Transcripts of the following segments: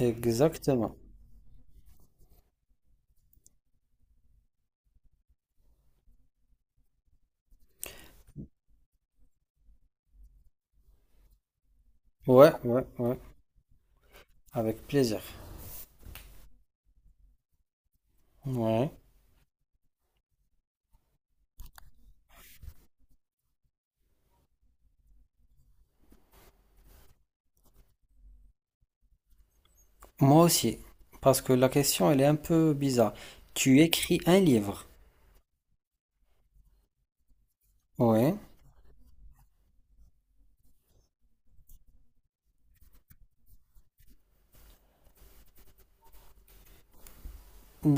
Exactement. Ouais, ouais, ouais. Avec plaisir. Ouais. Moi aussi. Parce que la question, elle est un peu bizarre. Tu écris un livre. Ouais.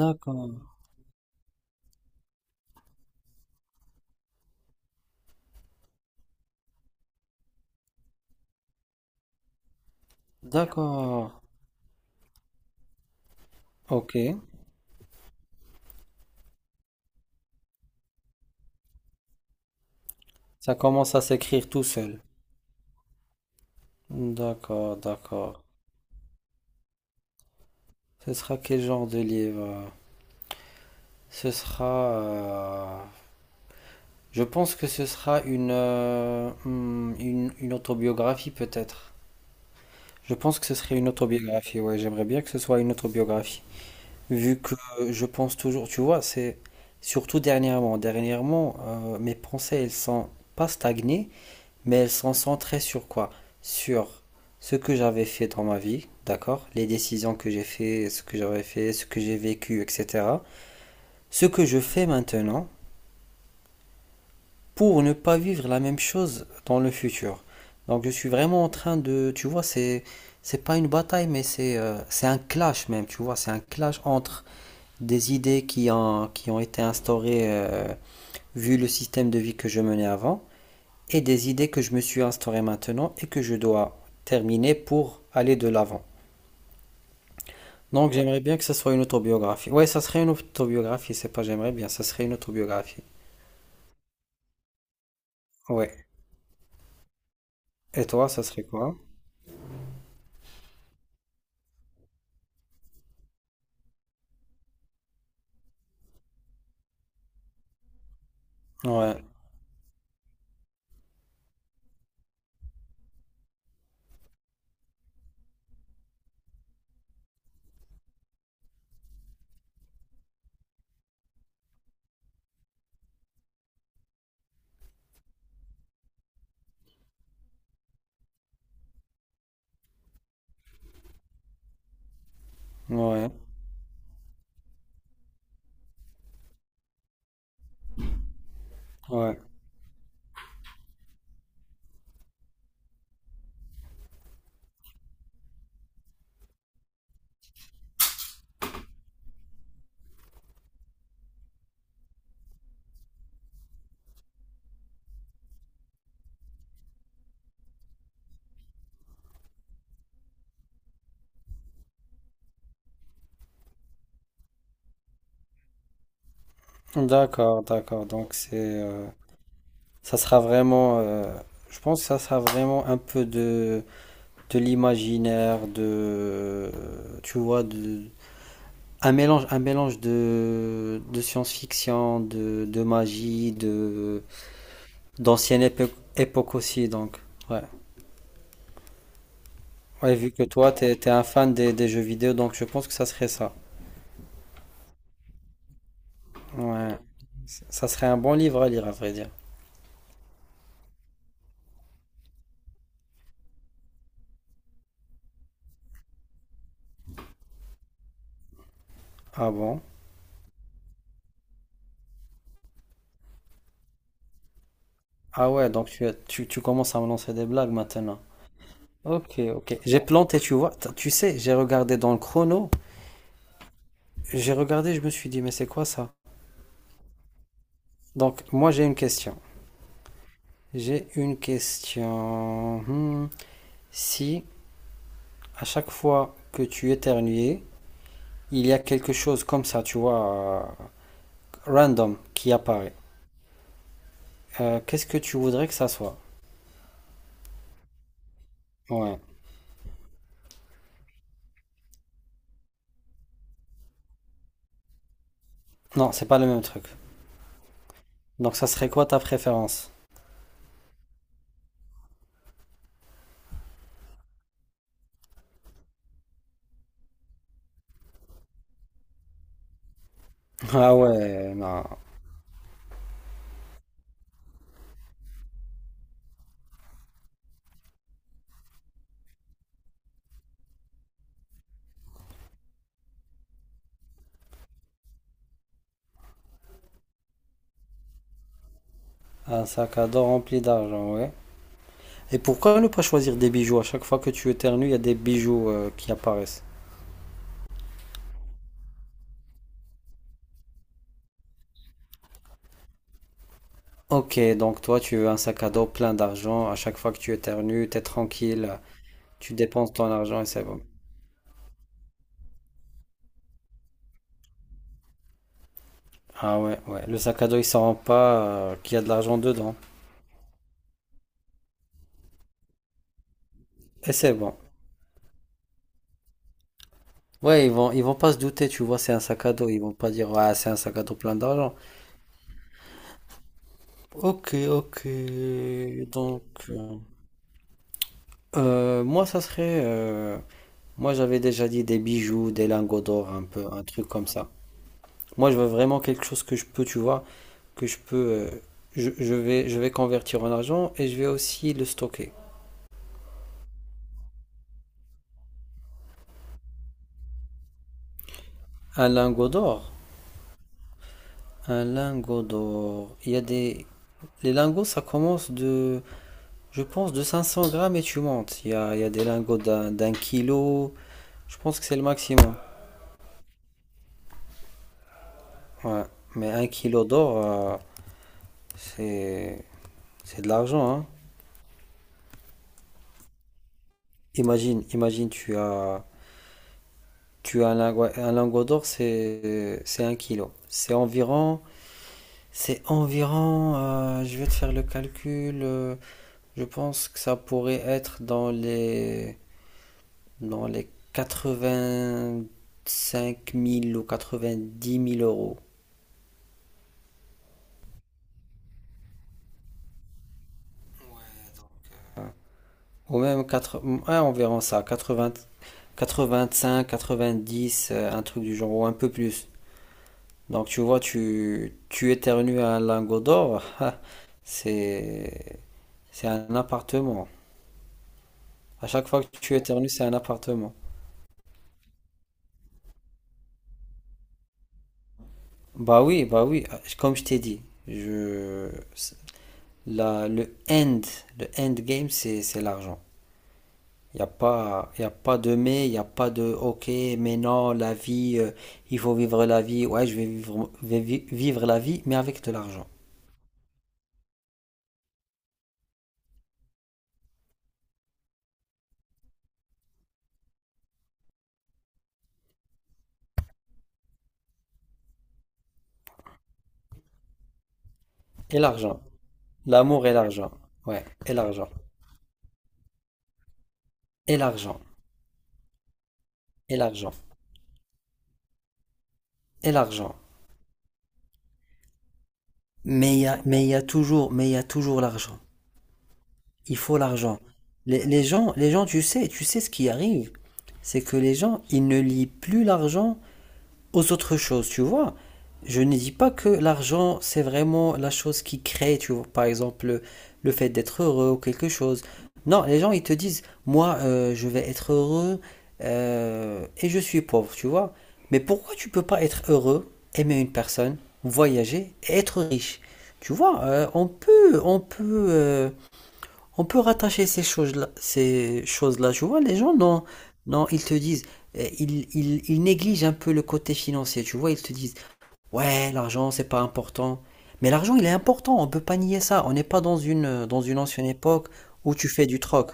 D'accord. D'accord. Ok. Ça commence à s'écrire tout seul. D'accord, d'accord. Ce sera quel genre de livre? Ce sera... je pense que ce sera une autobiographie peut-être. Je pense que ce serait une autobiographie, ouais. J'aimerais bien que ce soit une autobiographie. Vu que je pense toujours, tu vois, c'est surtout dernièrement. Dernièrement, mes pensées, elles sont pas stagnées, mais elles sont centrées sur quoi? Sur ce que j'avais fait dans ma vie, d'accord? Les décisions que j'ai fait, ce que j'avais fait, ce que j'ai vécu, etc. Ce que je fais maintenant pour ne pas vivre la même chose dans le futur. Donc je suis vraiment en train de, tu vois, c'est pas une bataille, mais c'est un clash même, tu vois, c'est un clash entre des idées qui ont été instaurées vu le système de vie que je menais avant et des idées que je me suis instaurées maintenant et que je dois terminer pour aller de l'avant. Donc j'aimerais bien que ça soit une autobiographie. Ouais, ça serait une autobiographie, c'est pas j'aimerais bien, ça serait une autobiographie. Ouais. Et toi, ça serait quoi? Ouais, ouais, ouais. D'accord, d'accord. Donc c'est ça sera vraiment je pense que ça sera vraiment un peu de l'imaginaire, de, tu vois, de, un mélange de, science-fiction, de magie, de, d'ancienne époque aussi, donc, ouais. Ouais, vu que toi, t'es un fan des jeux vidéo, donc je pense que ça serait ça. Ouais. Ça serait un bon livre à lire, à vrai dire. Ah bon? Ah ouais, donc tu commences à me lancer des blagues maintenant. Ok, ok. J'ai planté, tu vois. Tu sais, j'ai regardé dans le chrono. J'ai regardé, je me suis dit, mais c'est quoi ça? Donc, moi, j'ai une question. J'ai une question. Hmm. Si à chaque fois que tu éternues, il y a quelque chose comme ça, tu vois, random qui apparaît, qu'est-ce que tu voudrais que ça soit? Ouais. Non, c'est pas le même truc. Donc, ça serait quoi ta préférence? Ah ouais, non. Un sac à dos rempli d'argent, ouais. Et pourquoi ne pas choisir des bijoux? À chaque fois que tu éternues, il y a des bijoux qui apparaissent. Ok, donc toi, tu veux un sac à dos plein d'argent. À chaque fois que tu éternues, t'es tranquille, tu dépenses ton argent et c'est bon. Ah ouais, ouais. Le sac à dos, il s'en rend pas qu'il y a de l'argent dedans. Et c'est bon. Ouais, ils vont pas se douter, tu vois, c'est un sac à dos. Ils vont pas dire, ouais, c'est un sac à dos plein d'argent. Ok, ok. Donc, euh, moi, ça serait, moi, j'avais déjà dit des bijoux, des lingots d'or, un peu, un truc comme ça. Moi, je veux vraiment quelque chose que je peux, tu vois, que je peux, je vais convertir en argent et je vais aussi le stocker. Un lingot d'or. Un lingot d'or. Il y a des, les lingots, ça commence de, je pense, de 500 grammes et tu montes. Il y a des lingots d'un kilo. Je pense que c'est le maximum. Ouais. Mais un kilo d'or, c'est, c'est de l'argent, hein. Imagine, imagine, tu as un lingot d'or, c'est un kilo. C'est environ. Je vais te faire le calcul, je pense que ça pourrait être dans les, 85 000 ou 90 000 euros. Ou même quatre, ouais, environ ça, 80, 85, 90, un truc du genre, ou un peu plus. Donc tu vois, tu éternues un lingot d'or, c'est, c'est un appartement. À chaque fois que tu éternues, c'est un appartement. Bah oui, ah, comme je t'ai dit, je, la, le end game, c'est l'argent. Il n'y a pas, y a pas de mais, il n'y a pas de ok, mais non, la vie, il faut vivre la vie. Ouais, je vais vivre, vivre la vie, mais avec de l'argent. Et l'argent. L'amour et l'argent. Ouais, et l'argent. Et l'argent. Et l'argent. Et l'argent. Mais il y a toujours, l'argent. Il faut l'argent. Les gens tu sais ce qui arrive, c'est que les gens, ils ne lient plus l'argent aux autres choses, tu vois. Je ne dis pas que l'argent, c'est vraiment la chose qui crée, tu vois, par exemple, le fait d'être heureux ou quelque chose. Non, les gens, ils te disent, moi, je vais être heureux et je suis pauvre, tu vois. Mais pourquoi tu peux pas être heureux, aimer une personne, voyager et être riche? Tu vois, on peut rattacher ces choses-là, ces choses-là. Tu vois, les gens, non, non, ils te disent, ils négligent un peu le côté financier. Tu vois, ils te disent, ouais, l'argent, c'est pas important. Mais l'argent, il est important. On peut pas nier ça. On n'est pas dans une ancienne époque où tu fais du troc.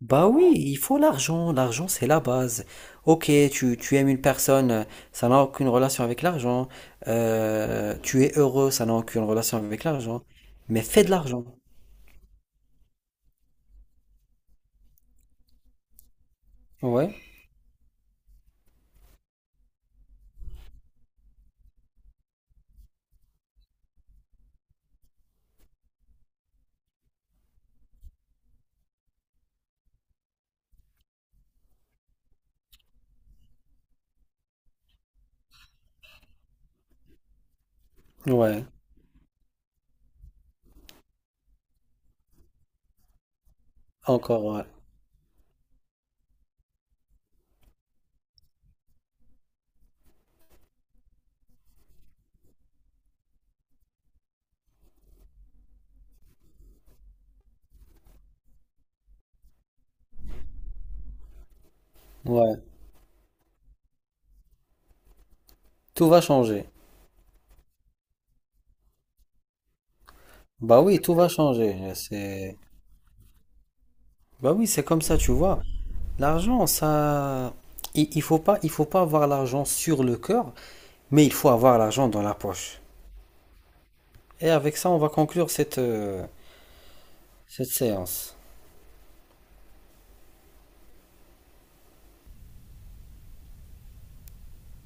Bah oui, il faut l'argent. L'argent, c'est la base. Ok, tu aimes une personne, ça n'a aucune relation avec l'argent. Tu es heureux, ça n'a aucune relation avec l'argent. Mais fais de l'argent. Ouais, ouais. Encore, ouais. Ouais. Tout va changer. Bah oui, tout va changer. C'est. Bah oui, c'est comme ça, tu vois. L'argent, ça. Il faut pas avoir l'argent sur le cœur, mais il faut avoir l'argent dans la poche. Et avec ça, on va conclure cette séance.